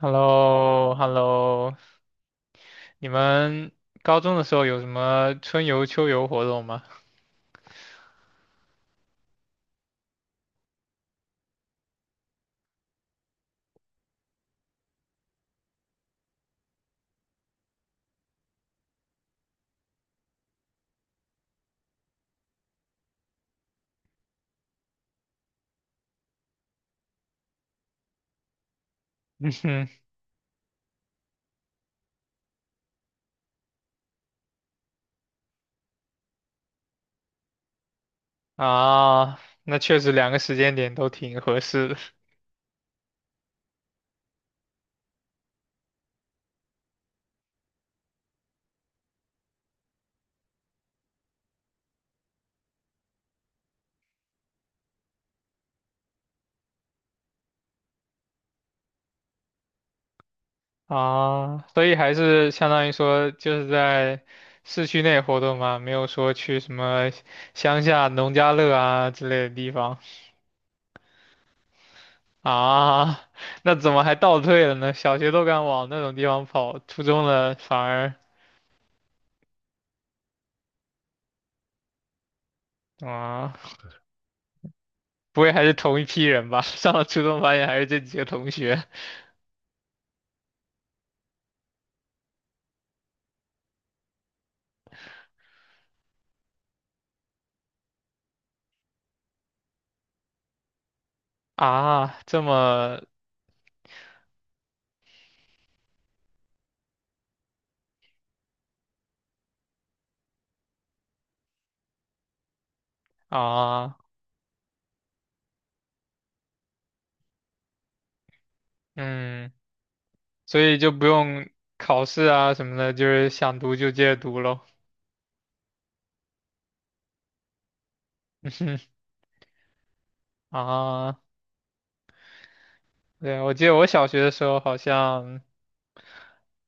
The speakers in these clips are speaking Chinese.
h e l l o h e l l o 你们高中的时候有什么春游、秋游活动吗？嗯哼，啊，那确实两个时间点都挺合适的。啊，所以还是相当于说就是在市区内活动嘛，没有说去什么乡下农家乐啊之类的地方。啊，那怎么还倒退了呢？小学都敢往那种地方跑，初中了反而。啊。不会还是同一批人吧？上了初中发现还是这几个同学。啊，这么。啊，嗯，所以就不用考试啊什么的，就是想读就接着读喽。啊，对，我记得我小学的时候好像，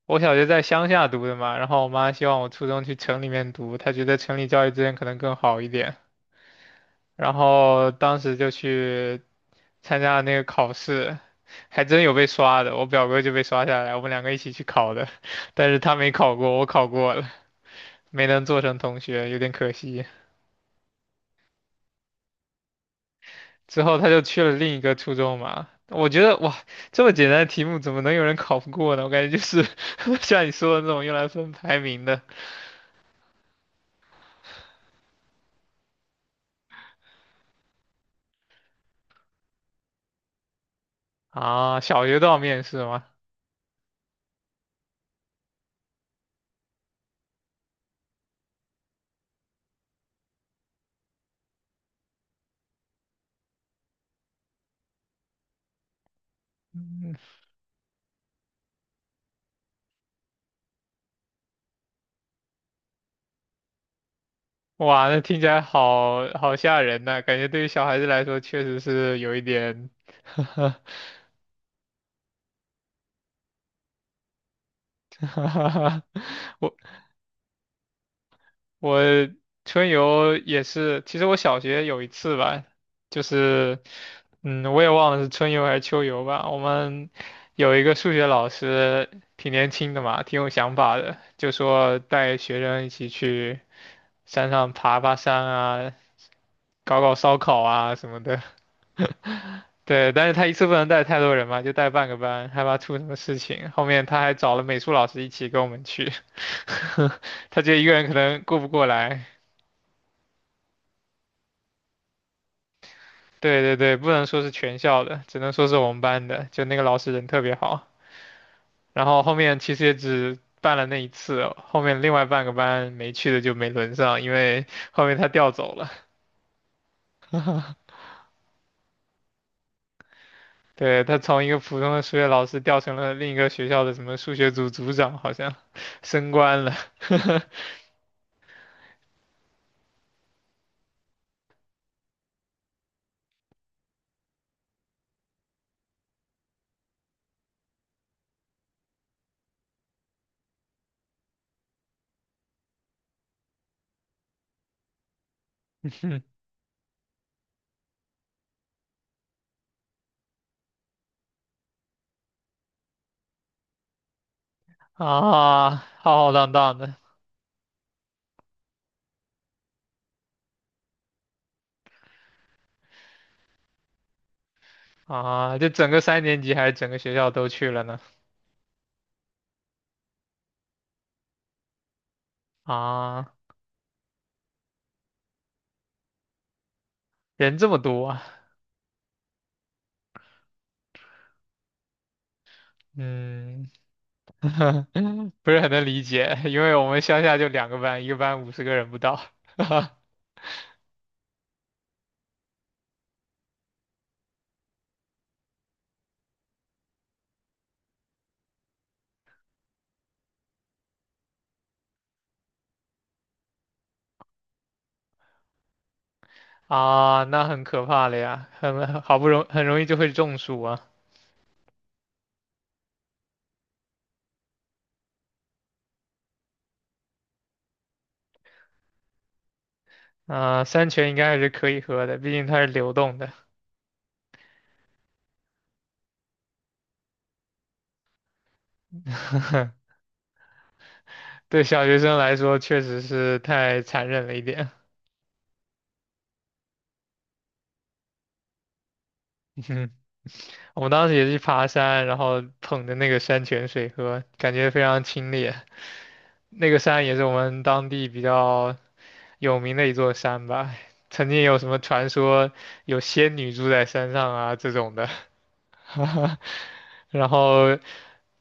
我小学在乡下读的嘛，然后我妈希望我初中去城里面读，她觉得城里教育资源可能更好一点，然后当时就去参加了那个考试，还真有被刷的。我表哥就被刷下来，我们两个一起去考的，但是他没考过，我考过了，没能做成同学，有点可惜。之后他就去了另一个初中嘛。我觉得哇，这么简单的题目怎么能有人考不过呢？我感觉就是 像你说的那种用来分排名的。啊。小学都要面试吗？哇，那听起来好好吓人呐、感觉对于小孩子来说确实是有一点。 我我春游也是，其实我小学有一次吧，就是，嗯，我也忘了是春游还是秋游吧。我们有一个数学老师，挺年轻的嘛，挺有想法的，就说带学生一起去山上爬爬山啊，搞搞烧烤啊什么的。对，但是他一次不能带太多人嘛，就带半个班，害怕出什么事情。后面他还找了美术老师一起跟我们去，他觉得一个人可能顾不过来。对对对，不能说是全校的，只能说是我们班的，就那个老师人特别好。然后后面其实也只办了那一次哦，后面另外半个班没去的就没轮上，因为 后面他调走了。对，他从一个普通的数学老师调成了另一个学校的什么数学组组长，好像升官了。啊，浩浩荡荡的。啊，就整个三年级还是整个学校都去了呢？啊，人这么多啊，嗯，不是很能理解，因为我们乡下就两个班，一个班50个人不到，啊，那很可怕了呀，很好不容很容易就会中暑啊。啊、山泉应该还是可以喝的，毕竟它是流动的。对小学生来说，确实是太残忍了一点。嗯，我们当时也是爬山，然后捧着那个山泉水喝，感觉非常清冽。那个山也是我们当地比较有名的一座山吧，曾经有什么传说有仙女住在山上啊这种的，然后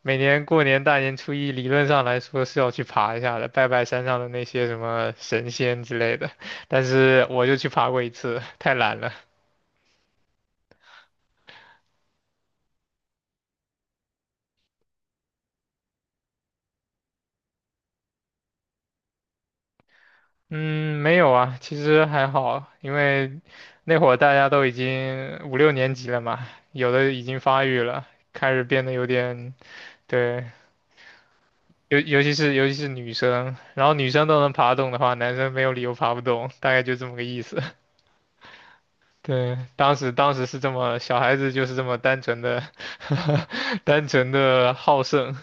每年过年大年初一，理论上来说是要去爬一下的，拜拜山上的那些什么神仙之类的，但是我就去爬过一次，太懒了。嗯，没有啊，其实还好，因为那会儿大家都已经五六年级了嘛，有的已经发育了，开始变得有点，对，尤其是女生，然后女生都能爬动的话，男生没有理由爬不动，大概就这么个意思。对，当时是这么，小孩子就是这么单纯的，单纯的好胜。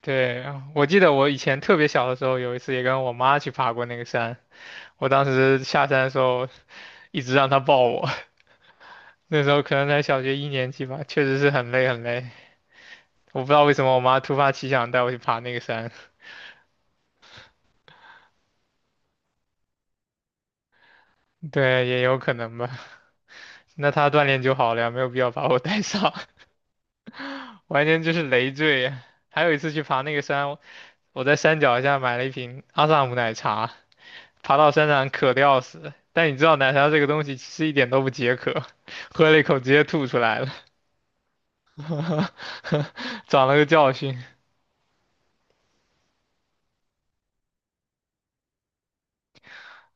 对，我记得我以前特别小的时候，有一次也跟我妈去爬过那个山，我当时下山的时候一直让她抱我。那时候可能才小学一年级吧，确实是很累很累。我不知道为什么我妈突发奇想带我去爬那个山，对，也有可能吧。那她锻炼就好了呀，没有必要把我带上，完全就是累赘。还有一次去爬那个山，我在山脚下买了一瓶阿萨姆奶茶，爬到山上渴得要死。但你知道奶茶这个东西其实一点都不解渴，喝了一口直接吐出来了，长了个教训。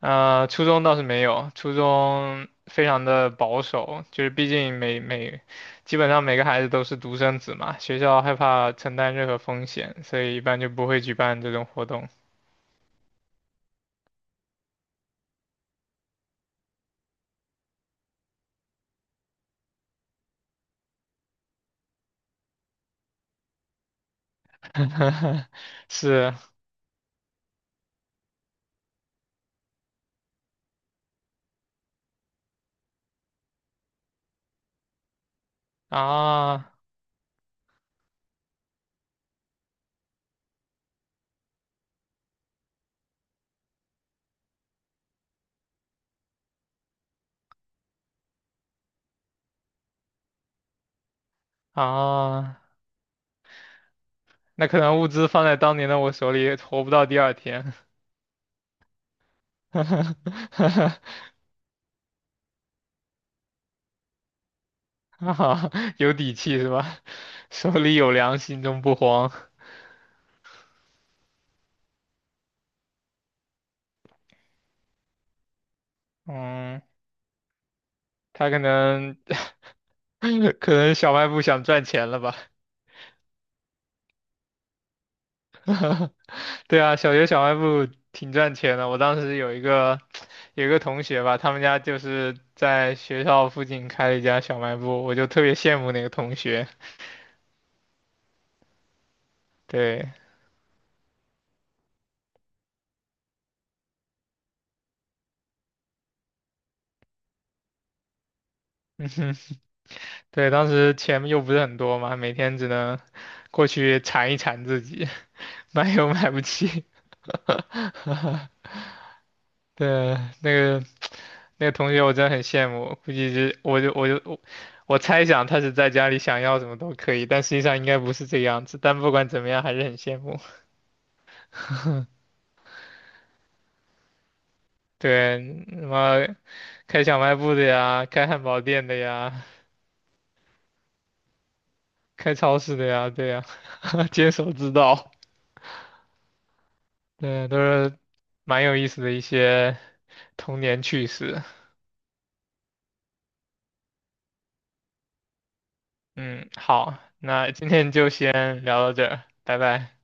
初中倒是没有，初中非常的保守，就是毕竟基本上每个孩子都是独生子嘛，学校害怕承担任何风险，所以一般就不会举办这种活动。是啊。啊，那可能物资放在当年的我手里，活不到第二天。啊，有底气是吧？手里有粮，心中不慌。嗯。他可能 可能小卖部想赚钱了吧？对啊，小学小卖部挺赚钱的。我当时有一个 有一个同学吧，他们家就是在学校附近开了一家小卖部，我就特别羡慕那个同学。对对，当时钱又不是很多嘛，每天只能过去馋一馋自己，买又买不起。对，那个那个同学我真的很羡慕，估计是我就我就我我猜想他是在家里想要什么都可以，但实际上应该不是这个样子。但不管怎么样，还是很羡慕。对，什么开小卖部的呀，开汉堡店的呀，开超市的呀，对呀，坚守之道，对，都是蛮有意思的一些童年趣事。嗯，好，那今天就先聊到这儿，拜拜。